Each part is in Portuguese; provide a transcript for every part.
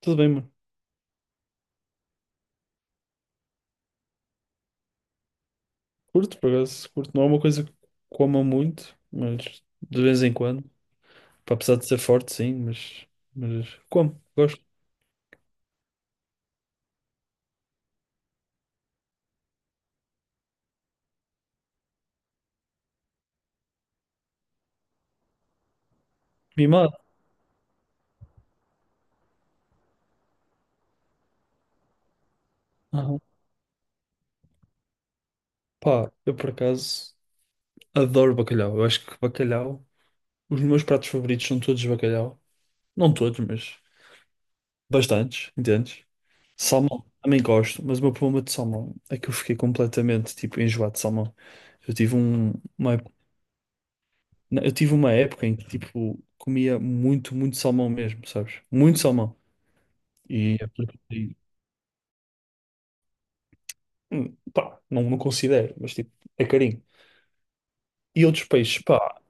Tudo bem, mano. Curto, por acaso. Curto. Não é uma coisa que coma muito, mas de vez em quando. Pá, apesar de ser forte, sim, mas como? Gosto. Mimado. Aham. Pá, eu por acaso adoro bacalhau. Eu acho que bacalhau. Os meus pratos favoritos são todos de bacalhau. Não todos, mas bastantes, entendes? Salmão, também gosto, mas o meu problema de salmão é que eu fiquei completamente tipo enjoado de salmão. Eu tive um- uma Não, eu tive uma época em que, tipo, comia muito, muito salmão mesmo, sabes? Muito salmão. E, é porque- pá, não, não considero, mas, tipo, é carinho. E outros peixes, pá,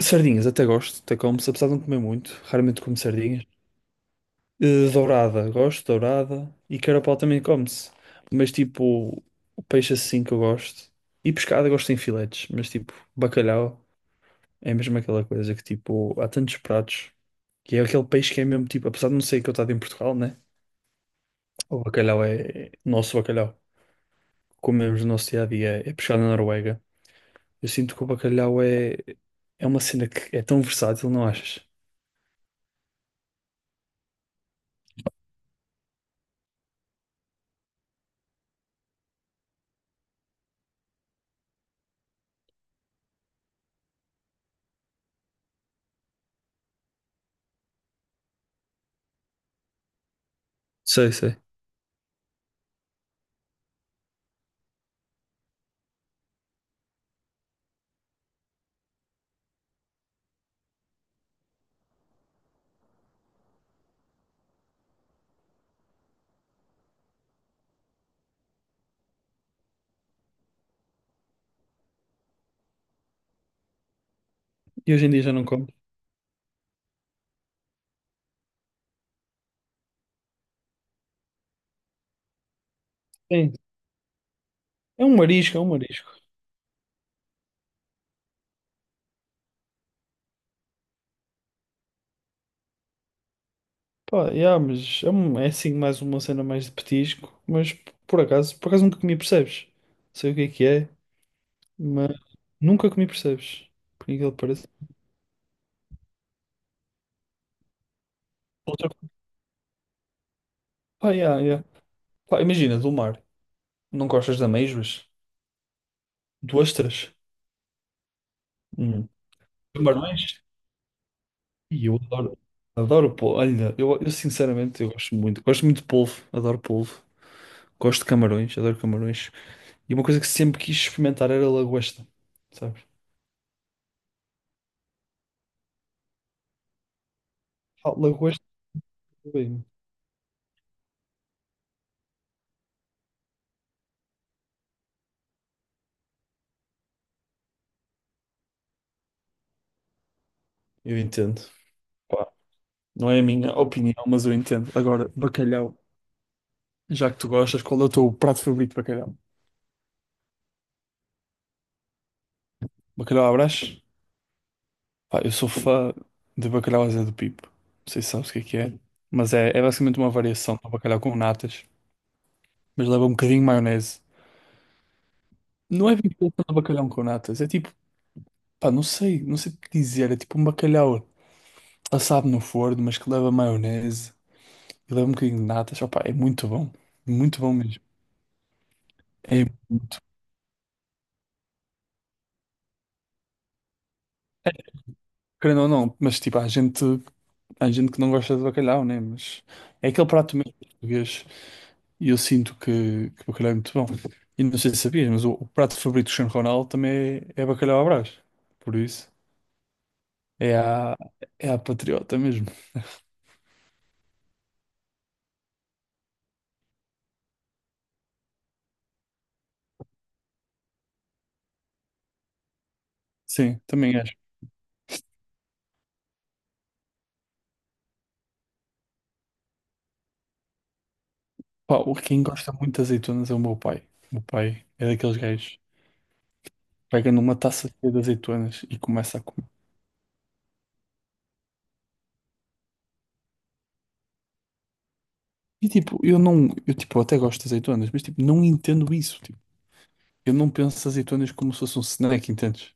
sardinhas até gosto, até como, se apesar de não comer muito, raramente como sardinhas. Dourada, gosto, de dourada. E carapau também come-se. Mas, tipo, o peixe assim que eu gosto. E pescada gosto em filetes, mas, tipo, bacalhau é mesmo aquela coisa que, tipo, há tantos pratos. Que é aquele peixe que é mesmo, tipo, apesar de não ser que eu estava em Portugal, né? O bacalhau é nosso bacalhau. Comemos no nosso dia a dia, é pescado na Noruega. Eu sinto que o bacalhau é uma cena que é tão versátil, não achas? Sei, sei. E hoje em dia já não como. Sim. É um marisco, é um marisco. Pá, yeah, mas é assim mais uma cena mais de petisco, mas por acaso nunca comi, percebes? Sei o que é, mas nunca comi, percebes? Por incrível que pareça. Outra coisa. Pá, yeah, yeah. Pá, imagina, do mar. Não gostas de ameijoas? De ostras? Hum. Camarões? E eu adoro polvo. Olha, eu sinceramente eu gosto muito. Gosto muito de polvo, adoro polvo. Gosto de camarões, adoro camarões. E uma coisa que sempre quis experimentar era lagosta, sabes? Ah, lagosta, bem, eu entendo. Pá, não é a minha opinião, mas eu entendo. Agora, bacalhau, já que tu gostas, qual é o teu prato favorito de bacalhau? Bacalhau à Brás? Pá, eu sou fã de bacalhau à Zé do Pipo. Não sei se sabes o que é, mas é basicamente uma variação do bacalhau com natas, mas leva um bocadinho de maionese. Não é vinculação de bacalhau com natas, é tipo, pá, não sei o que dizer, é tipo um bacalhau assado no forno, mas que leva maionese e leva um bocadinho de natas, opá, é muito bom mesmo, é muito, querendo ou não, mas tipo, há gente que não gosta de bacalhau, né, mas é aquele prato mesmo português e eu sinto que o bacalhau é muito bom. E não sei se sabias, mas o prato favorito do Cristiano Ronaldo também é bacalhau à Brás, por isso é a, é a patriota mesmo, sim, também é. Pá, quem gosta muito de azeitonas é o meu pai. O meu pai é daqueles gajos que pega numa taça cheia de azeitonas e começa a comer. E tipo, eu não, eu tipo, até gosto de azeitonas, mas tipo, não entendo isso. Tipo, eu não penso azeitonas como se fosse um snack, entendes?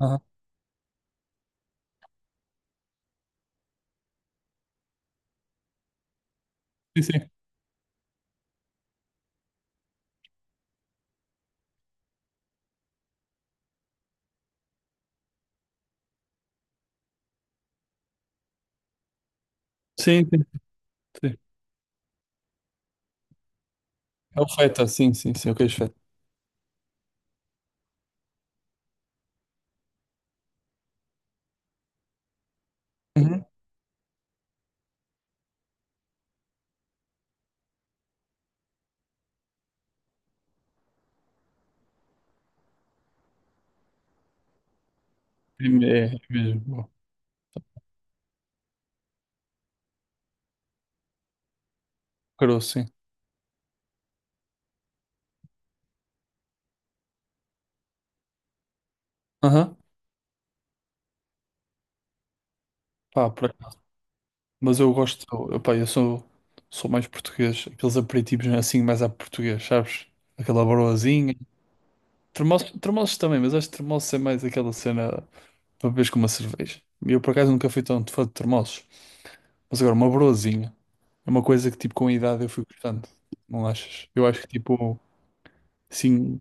Aham. Sim, sim. Sim, sim, sim. É o feta, sim, sim, sim, é o queijo feta. Uhum. É mesmo, bom. Caroço, sim. Aham. Pá, por acaso. Mas eu gosto, eu, pá, eu sou mais português, aqueles aperitivos assim mais à português, sabes? Aquela broazinha. Tremoços, tremoços também, mas acho que tremoços é mais aquela cena para beberes com uma cerveja. E eu por acaso nunca fui tão fã de tremoços. Mas agora, uma broazinha é uma coisa que tipo com a idade eu fui gostando. Não achas? Eu acho que tipo, assim,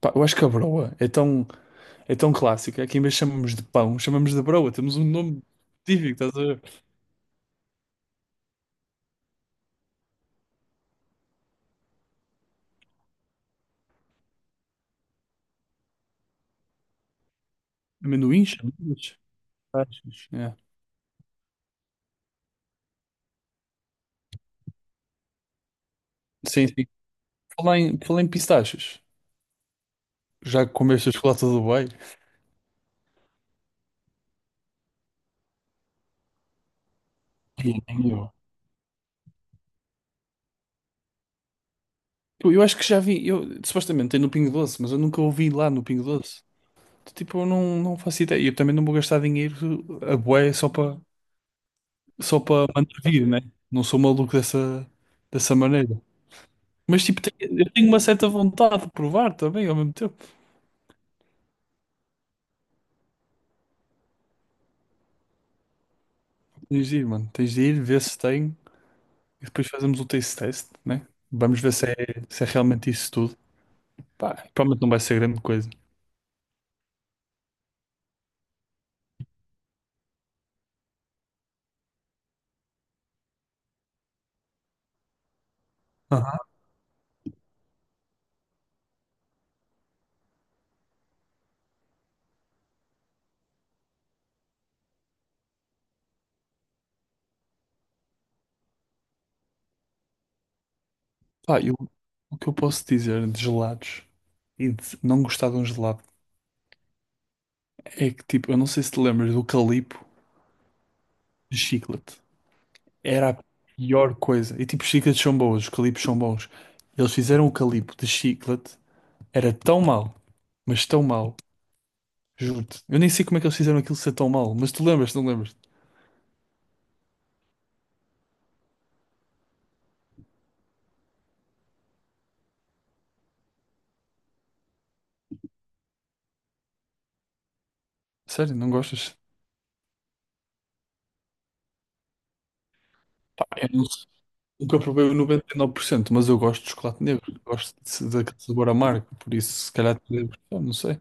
pá, eu acho que a broa é tão, clássica que em vez de chamamos de pão, chamamos de broa. Temos um nome específico, estás a ver? Amendoins, chamamos. Pistachos. É. Sim, sim. Falar em pistachos, já comeste a chocolate do Dubai? Sim. Eu acho que já vi, eu, supostamente tem no Pingo Doce, mas eu nunca ouvi lá no Pingo Doce. Tipo, eu não faço ideia. E eu também não vou gastar dinheiro a bué só para mandar vir, né? Não sou maluco dessa maneira. Mas tipo, eu tenho uma certa vontade de provar também ao mesmo tempo. Tens de ir, mano. Tens de ir, ver se tem e depois fazemos o taste test, né? Vamos ver se é realmente isso tudo. Pá, provavelmente não vai ser grande coisa. Aham. Pá, o que eu posso dizer de gelados e de não gostar de um gelado? É que tipo, eu não sei se te lembras do calipo de chiclete. Era a pior coisa. E tipo, os chicletes são bons, os calipos são bons. Eles fizeram o calipo de chiclete, era tão mal, mas tão mal, juro-te. Eu nem sei como é que eles fizeram aquilo ser tão mal, mas tu lembras, não lembras? Sério, não gostas? Pá, eu não sei. Nunca provei o 99%, mas eu gosto de chocolate negro. Gosto daquele sabor amargo, por isso se calhar te lembro. Eu não sei.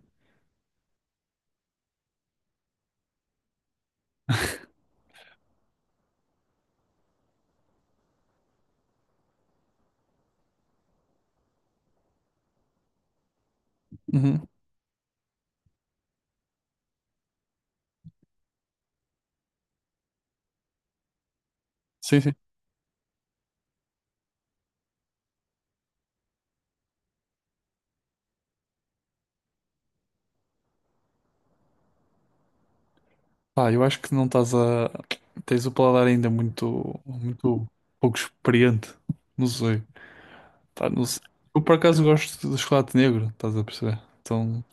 Uhum. Sim, sim. Pá, eu acho que não estás a. Tens o paladar ainda muito, muito pouco experiente. Não sei. Pá, não sei. Eu por acaso gosto de chocolate negro, estás a perceber? Então,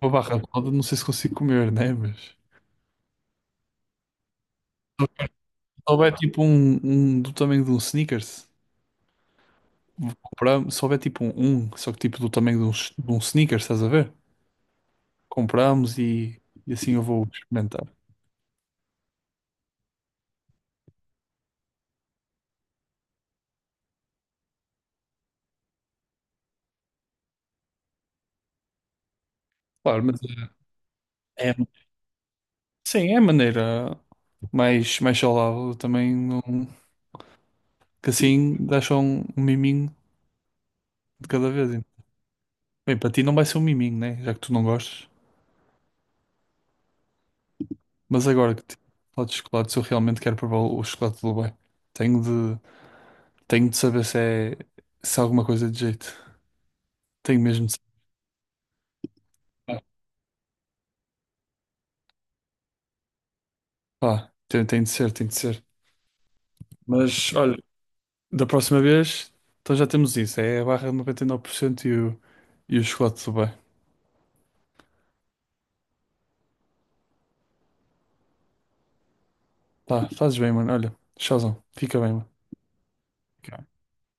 uma barra de poda, não sei se consigo comer, né? Mas. Se houver tipo um do tamanho de um Snickers, vou comprar, se houver tipo só que tipo do tamanho de um Snickers, estás a ver? Compramos e assim eu vou experimentar. Claro, mas é, sim, é a maneira mais saudável. Eu também não. Que assim deixa um miminho de cada vez. Bem, para ti não vai ser um miminho, né? Já que tu não gostas. Mas agora que tipo, falo de chocolates, eu realmente quero provar o chocolate de Dubai. Tenho de, tenho de saber se é, alguma coisa de jeito. Tenho mesmo de saber. Ah, pá, tem de ser, tem de ser. Mas olha, da próxima vez, então já temos isso. É a barra de 99% e 9% e o chocolate de Dubai. Tá, fazes bem, mano. Olha, tchauzão. Fica bem, mano.